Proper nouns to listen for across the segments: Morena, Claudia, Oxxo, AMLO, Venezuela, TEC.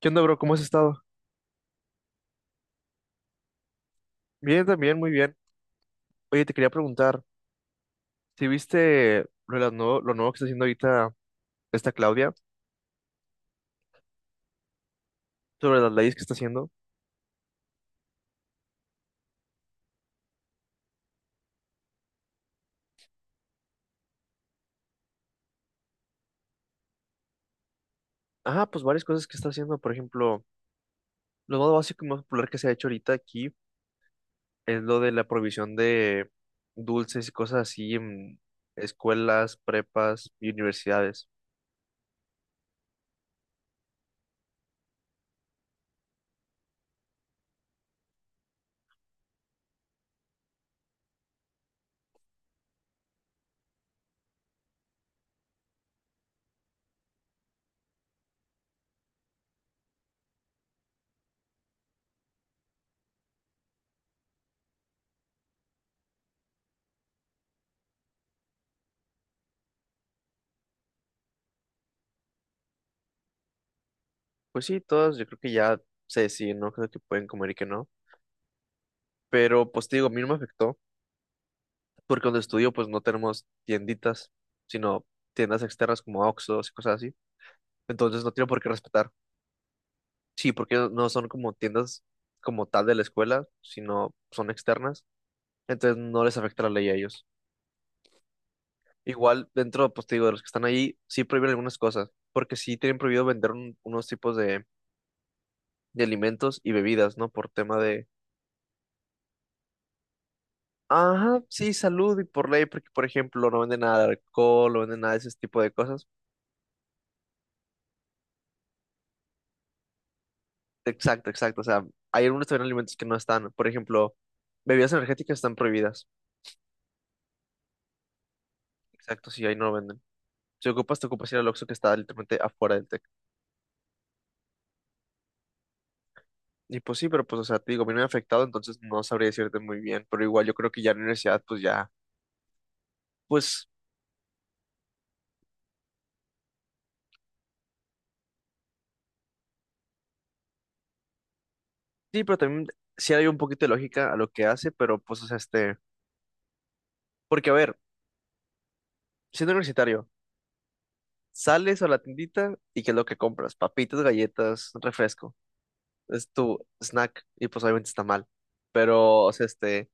¿Qué onda, bro? ¿Cómo has estado? Bien, también, muy bien. Oye, te quería preguntar si viste lo nuevo que está haciendo ahorita esta Claudia sobre las leyes que está haciendo. Ah, pues varias cosas que está haciendo. Por ejemplo, lo más básico y más popular que se ha hecho ahorita aquí es lo de la prohibición de dulces y cosas así en escuelas, prepas y universidades. Pues sí, todas yo creo que ya se deciden, ¿no? Creo que pueden comer y que no. Pero pues te digo, a mí no me afectó porque donde estudio pues no tenemos tienditas, sino tiendas externas como Oxxos y cosas así. Entonces no tiene por qué respetar. Sí, porque no son como tiendas como tal de la escuela, sino son externas. Entonces no les afecta la ley a ellos. Igual dentro, pues te digo, de los que están ahí, sí prohíben algunas cosas, porque sí tienen prohibido vender unos tipos de alimentos y bebidas, ¿no? Por tema de, ajá, sí, salud y por ley, porque por ejemplo no venden nada de alcohol, no venden nada de ese tipo de cosas. Exacto, exacto. O sea, hay algunos también alimentos que no están. Por ejemplo, bebidas energéticas están prohibidas. Exacto, sí, ahí no lo venden. Si ocupas, te ocupas ir al Oxxo que está literalmente afuera del TEC. Y pues sí, pero pues, o sea, te digo, a mí no me ha afectado, entonces no sabría decirte muy bien. Pero igual yo creo que ya en la universidad, pues ya, pues sí, pero también sí hay un poquito de lógica a lo que hace, pero pues, o sea, este, porque a ver, siendo universitario, sales a la tiendita y ¿qué es lo que compras? Papitas, galletas, refresco. Es tu snack y pues obviamente está mal. Pero, o sea, este,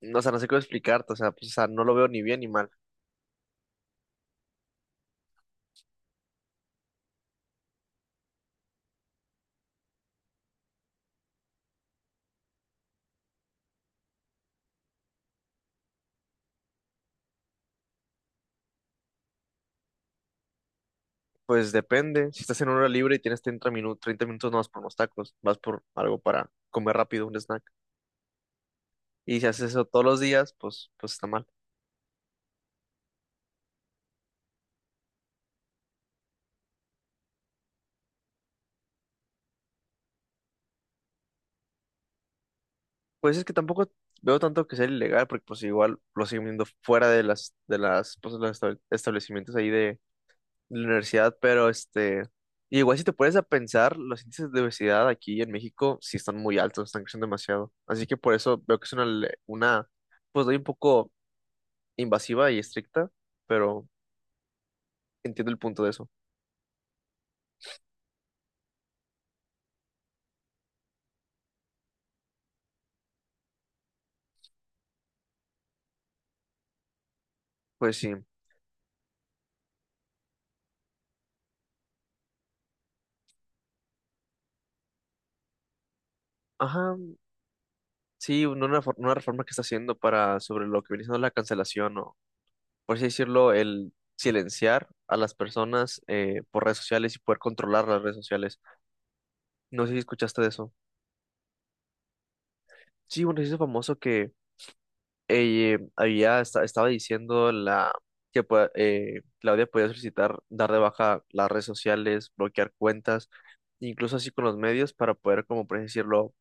no, o sea, no sé cómo explicarte, o sea, pues, o sea, no lo veo ni bien ni mal. Pues depende, si estás en hora libre y tienes 30 minutos, 30 minutos no vas por unos tacos, vas por algo para comer rápido, un snack. Y si haces eso todos los días, pues, pues está mal. Pues es que tampoco veo tanto que sea ilegal, porque pues igual lo siguen viendo fuera de pues, los establecimientos ahí de la universidad, pero este, y igual si te pones a pensar, los índices de obesidad aquí en México sí están muy altos, están creciendo demasiado. Así que por eso veo que es una pues doy un poco invasiva y estricta, pero entiendo el punto de eso. Pues sí, ajá, sí, una reforma que está haciendo para sobre lo que viene siendo la cancelación o, por así decirlo, el silenciar a las personas por redes sociales y poder controlar las redes sociales. No sé si escuchaste de eso. Sí, un ejercicio famoso que había estaba diciendo la Claudia podía solicitar dar de baja las redes sociales, bloquear cuentas incluso así con los medios para poder, como por así decirlo,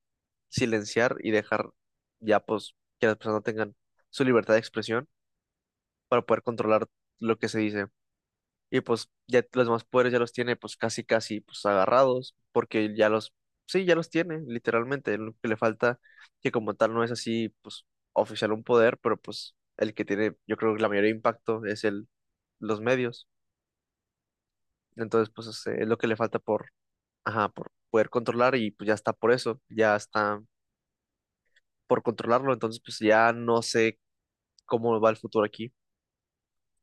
silenciar y dejar ya pues que las personas tengan su libertad de expresión para poder controlar lo que se dice. Y pues ya los más poderes ya los tiene pues casi casi pues agarrados porque sí, ya los tiene literalmente. Lo que le falta que como tal no es así pues oficial un poder, pero pues el que tiene yo creo que la mayor impacto es el, los medios. Entonces pues es lo que le falta por, ajá, por poder controlar y pues ya está por eso, ya está por controlarlo. Entonces pues ya no sé cómo va el futuro aquí.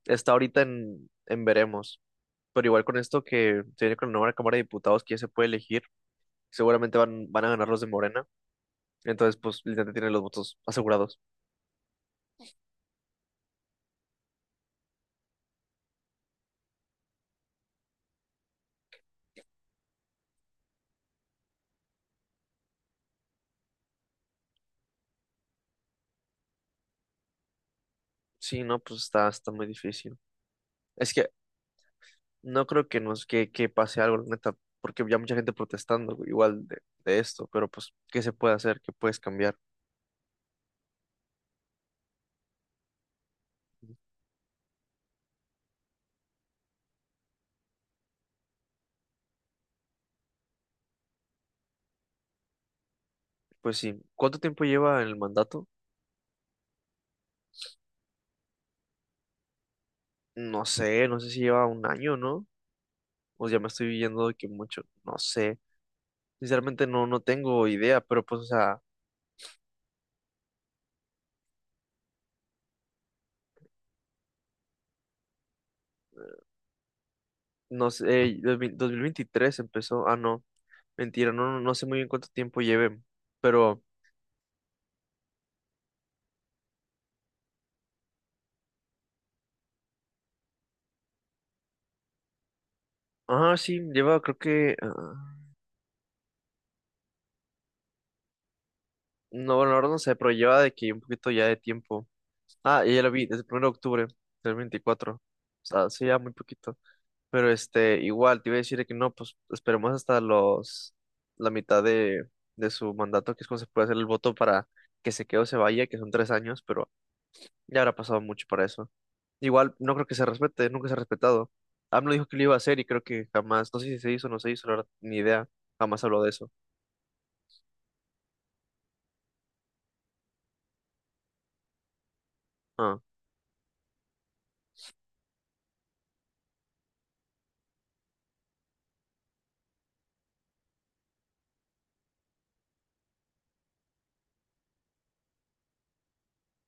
Está ahorita en, veremos, pero igual con esto que se viene con la nueva Cámara de Diputados que ya se puede elegir, seguramente van a ganar los de Morena, entonces pues literalmente tienen los votos asegurados. Sí, no, pues está muy difícil. Es que no creo que pase algo, la neta, porque ya mucha gente protestando güey, igual de esto, pero pues, ¿qué se puede hacer? ¿Qué puedes cambiar? Pues sí, ¿cuánto tiempo lleva el mandato? No sé, no sé si lleva un año, ¿no? Pues ya me estoy viendo de que mucho, no sé. Sinceramente no tengo idea, pero pues, o sea, no sé, 2023 empezó, ah, no, mentira, no sé muy bien cuánto tiempo lleve, pero, ah, sí, lleva, creo que, no, bueno, ahora no sé, pero lleva de que un poquito ya de tiempo. Ah, ya la vi, desde el 1 de octubre del 24. O sea, sí, ya muy poquito, pero este, igual, te iba a decir de que no, pues, esperemos hasta los, la mitad de su mandato, que es cuando se puede hacer el voto para que se quede o se vaya, que son 3 años, pero ya habrá pasado mucho para eso. Igual no creo que se respete, nunca se ha respetado. AMLO dijo que lo iba a hacer y creo que jamás, no sé si se hizo o no se hizo, la verdad, ni idea. Jamás habló de eso. Ah,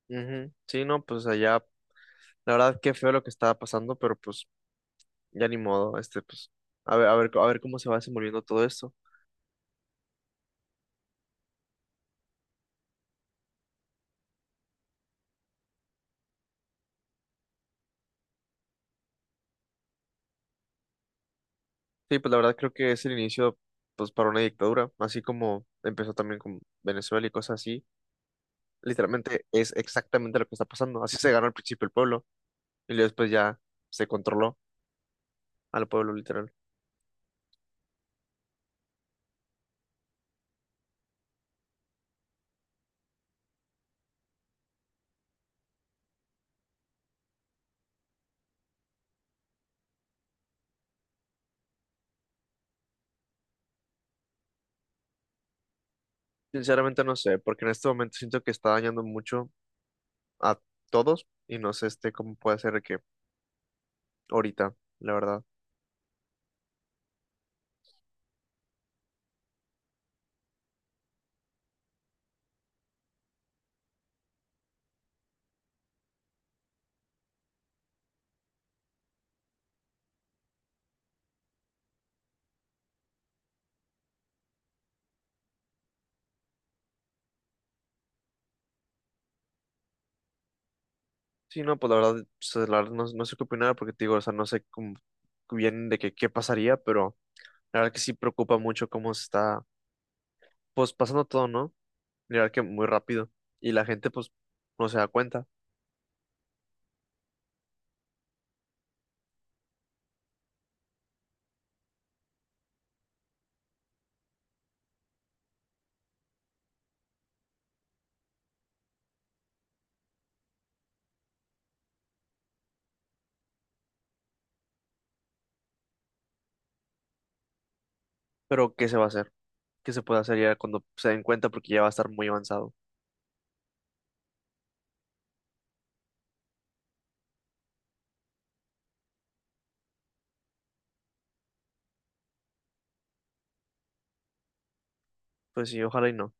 ujú. Sí, no, pues allá, la verdad, qué feo lo que estaba pasando, pero pues ya ni modo, este, pues, a ver, a ver, a ver cómo se va desenvolviendo todo esto. Sí, pues la verdad creo que es el inicio, pues, para una dictadura, así como empezó también con Venezuela y cosas así. Literalmente es exactamente lo que está pasando. Así se ganó al principio el pueblo y luego después ya se controló al pueblo, literal. Sinceramente no sé, porque en este momento siento que está dañando mucho a todos y no sé este cómo puede ser que ahorita, la verdad. Sí, no, pues, la verdad no, no sé qué opinar porque te digo, o sea, no sé cómo bien de que qué pasaría, pero la verdad que sí preocupa mucho cómo se está, pues pasando todo, ¿no? La verdad que muy rápido y la gente pues no se da cuenta, pero ¿qué se va a hacer? ¿Qué se puede hacer ya cuando se den cuenta porque ya va a estar muy avanzado? Pues sí, ojalá y no.